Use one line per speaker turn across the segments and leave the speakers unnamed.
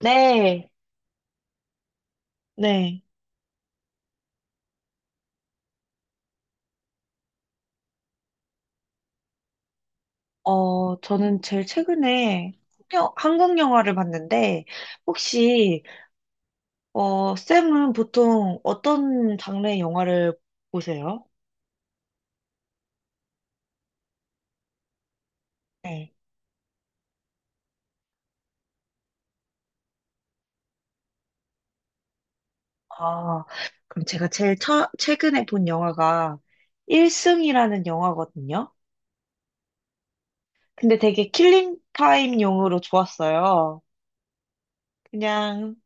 네, 네. 저는 제일 최근에 한국 영화를 봤는데, 혹시, 쌤은 보통 어떤 장르의 영화를 보세요? 네. 아, 그럼 제가 제일 최근에 본 영화가 일승이라는 영화거든요. 근데 되게 킬링 타임용으로 좋았어요. 그냥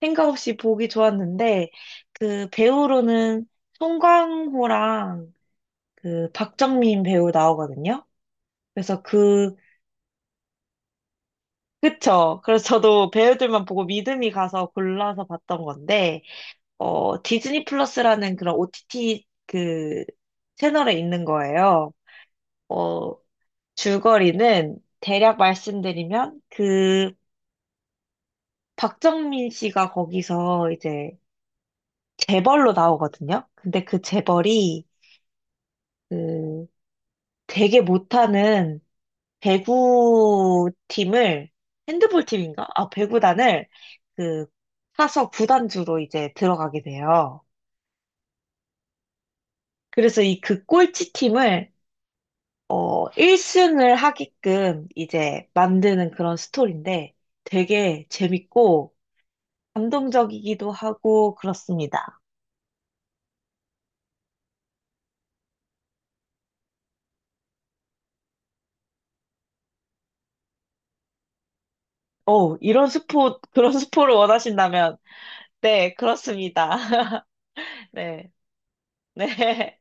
생각 없이 보기 좋았는데 그 배우로는 송강호랑 그 박정민 배우 나오거든요. 그래서 그 그쵸. 그래서 저도 배우들만 보고 믿음이 가서 골라서 봤던 건데, 디즈니 플러스라는 그런 OTT 그 채널에 있는 거예요. 어 줄거리는 대략 말씀드리면, 그 박정민 씨가 거기서 이제 재벌로 나오거든요. 근데 그 재벌이 그 되게 못하는 배구 팀을, 핸드볼 팀인가? 아, 배구단을 그 사서 구단주로 이제 들어가게 돼요. 그래서 이 그 꼴찌 팀을 1승을 하게끔 이제 만드는 그런 스토리인데 되게 재밌고 감동적이기도 하고 그렇습니다. 어, 이런 스포 그런 스포를 원하신다면, 네, 그렇습니다. 네. 네.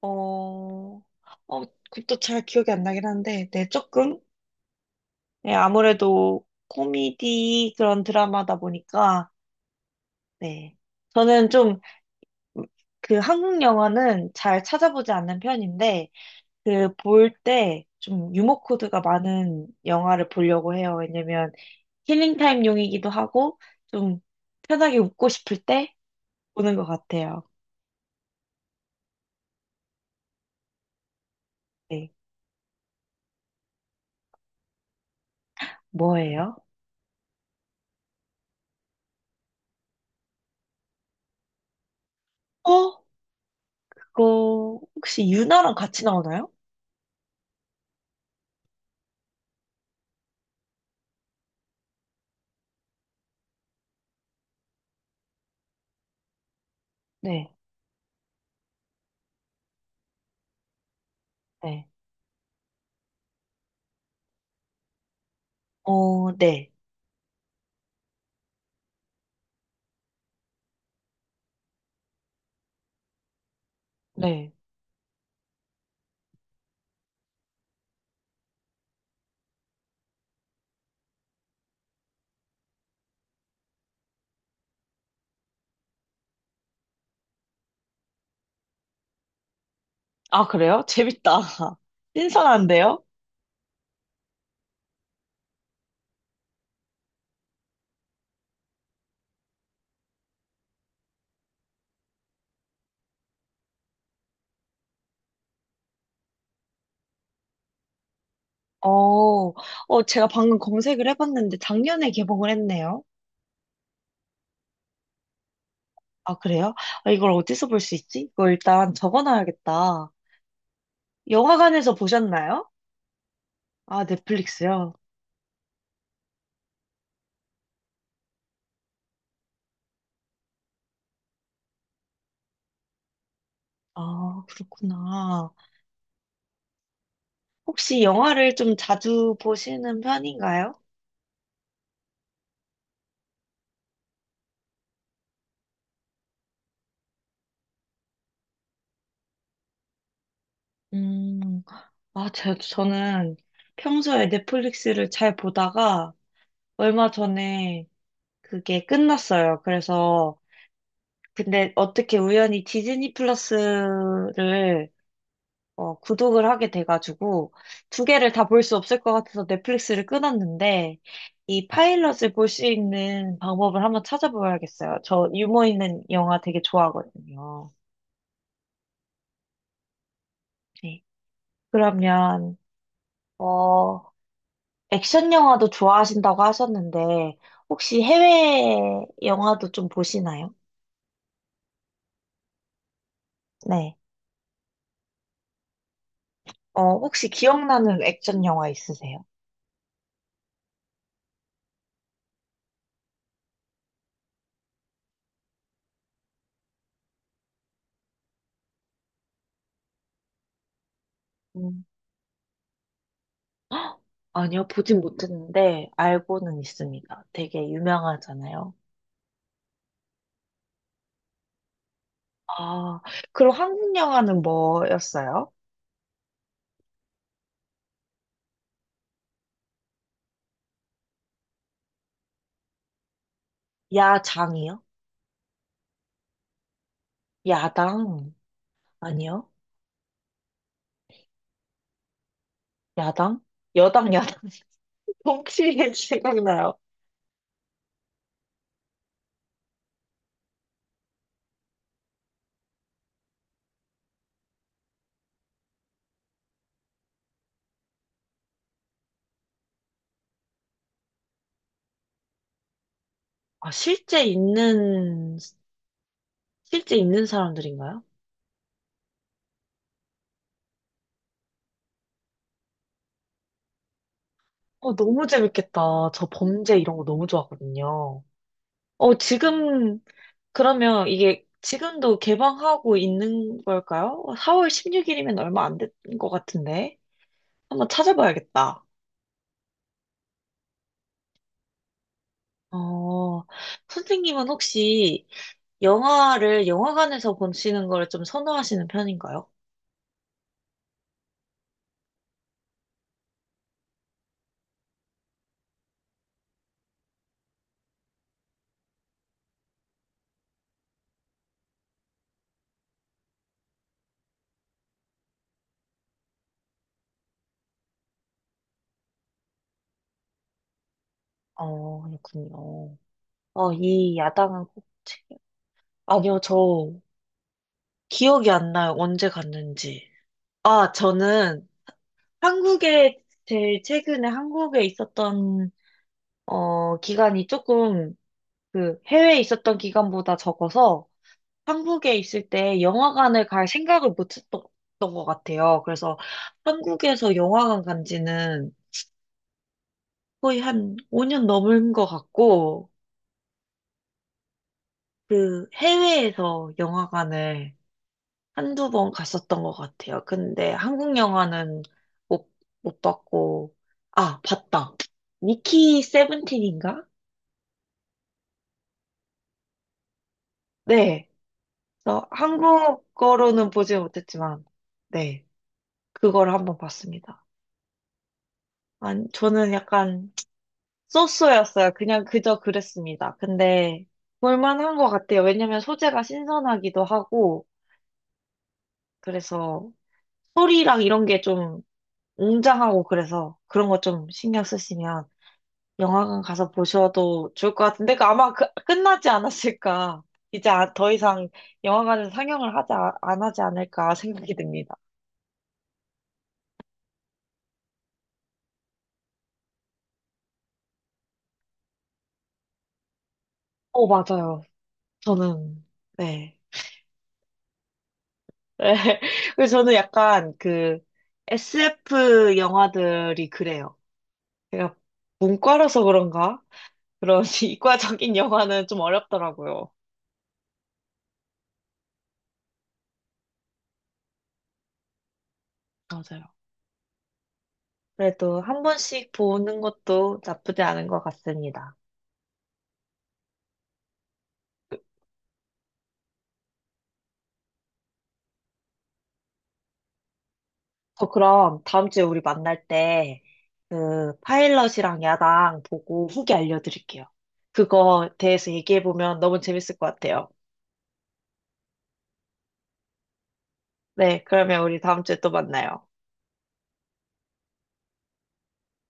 어, 어, 그것도 잘 기억이 안 나긴 한데, 네, 조금. 네, 아무래도 코미디 그런 드라마다 보니까. 네. 저는 좀, 그 한국 영화는 잘 찾아보지 않는 편인데, 그 볼 때 좀 유머 코드가 많은 영화를 보려고 해요. 왜냐면 힐링 타임용이기도 하고, 좀 편하게 웃고 싶을 때 보는 것 같아요. 네. 뭐예요? 어? 그거 혹시 유나랑 같이 나오나요? 네, 네. 네, 네. 아, 그래요? 재밌다. 신선한데요? 어, 제가 방금 검색을 해봤는데 작년에 개봉을 했네요. 아, 그래요? 아, 이걸 어디서 볼 수 있지? 이거 일단 적어놔야겠다. 영화관에서 보셨나요? 아, 넷플릭스요? 아, 그렇구나. 혹시 영화를 좀 자주 보시는 편인가요? 음, 아, 저는 평소에 넷플릭스를 잘 보다가 얼마 전에 그게 끝났어요. 그래서 근데 어떻게 우연히 디즈니 플러스를 구독을 하게 돼가지고 두 개를 다 볼 수 없을 것 같아서 넷플릭스를 끊었는데, 이 파일럿을 볼 수 있는 방법을 한번 찾아봐야겠어요. 저 유머 있는 영화 되게 좋아하거든요. 네. 그러면, 어, 액션 영화도 좋아하신다고 하셨는데 혹시 해외 영화도 좀 보시나요? 네. 혹시 기억나는 액션 영화 있으세요? 아니요, 보진 못했는데 알고는 있습니다. 되게 유명하잖아요. 아, 그럼 한국 영화는 뭐였어요? 야장이요? 야당? 아니요? 야당? 여당, 야당. 혹시 생각나요? 아, 실제 있는 사람들인가요? 너무 재밌겠다. 저 범죄 이런 거 너무 좋아하거든요. 어, 지금, 그러면 이게 지금도 개방하고 있는 걸까요? 4월 16일이면 얼마 안 된 것 같은데. 한번 찾아봐야겠다. 어, 선생님은 혹시 영화를 영화관에서 보시는 걸 좀 선호하시는 편인가요? 그렇군요. 이 야당은 꼭 책. 아니요, 저 기억이 안 나요. 언제 갔는지. 아, 저는 한국에 제일 최근에 한국에 있었던, 기간이 조금 그 해외에 있었던 기간보다 적어서 한국에 있을 때 영화관을 갈 생각을 못 했던 것 같아요. 그래서 한국에서 영화관 간 지는 거의 한 5년 넘은 것 같고, 그 해외에서 영화관을 한두 번 갔었던 것 같아요. 근데 한국 영화는 못, 못 봤고. 아, 봤다. 미키 세븐틴인가? 네. 그래서 한국어로는 보지 못했지만. 네. 그걸 한번 봤습니다. 아니, 저는 약간 소스였어요. 그냥 그저 그랬습니다. 근데 볼만한 것 같아요. 왜냐면 소재가 신선하기도 하고, 그래서 소리랑 이런 게 좀 웅장하고, 그래서 그런 거 좀 신경 쓰시면 영화관 가서 보셔도 좋을 것 같은데, 그 아마 끝나지 않았을까. 이제 더 이상 영화관에서 상영을 하지, 안 하지 않을까 생각이 듭니다. 맞아요. 저는, 네. 그래서 저는 약간 그 SF 영화들이 그래요. 제가 문과라서 그런가? 그런 이과적인 영화는 좀 어렵더라고요. 맞아요. 그래도 한 번씩 보는 것도 나쁘지 않은 것 같습니다. 저 그럼 다음 주에 우리 만날 때 그 파일럿이랑 야당 보고 후기 알려드릴게요. 그거 대해서 얘기해보면 너무 재밌을 것 같아요. 네, 그러면 우리 다음 주에 또 만나요.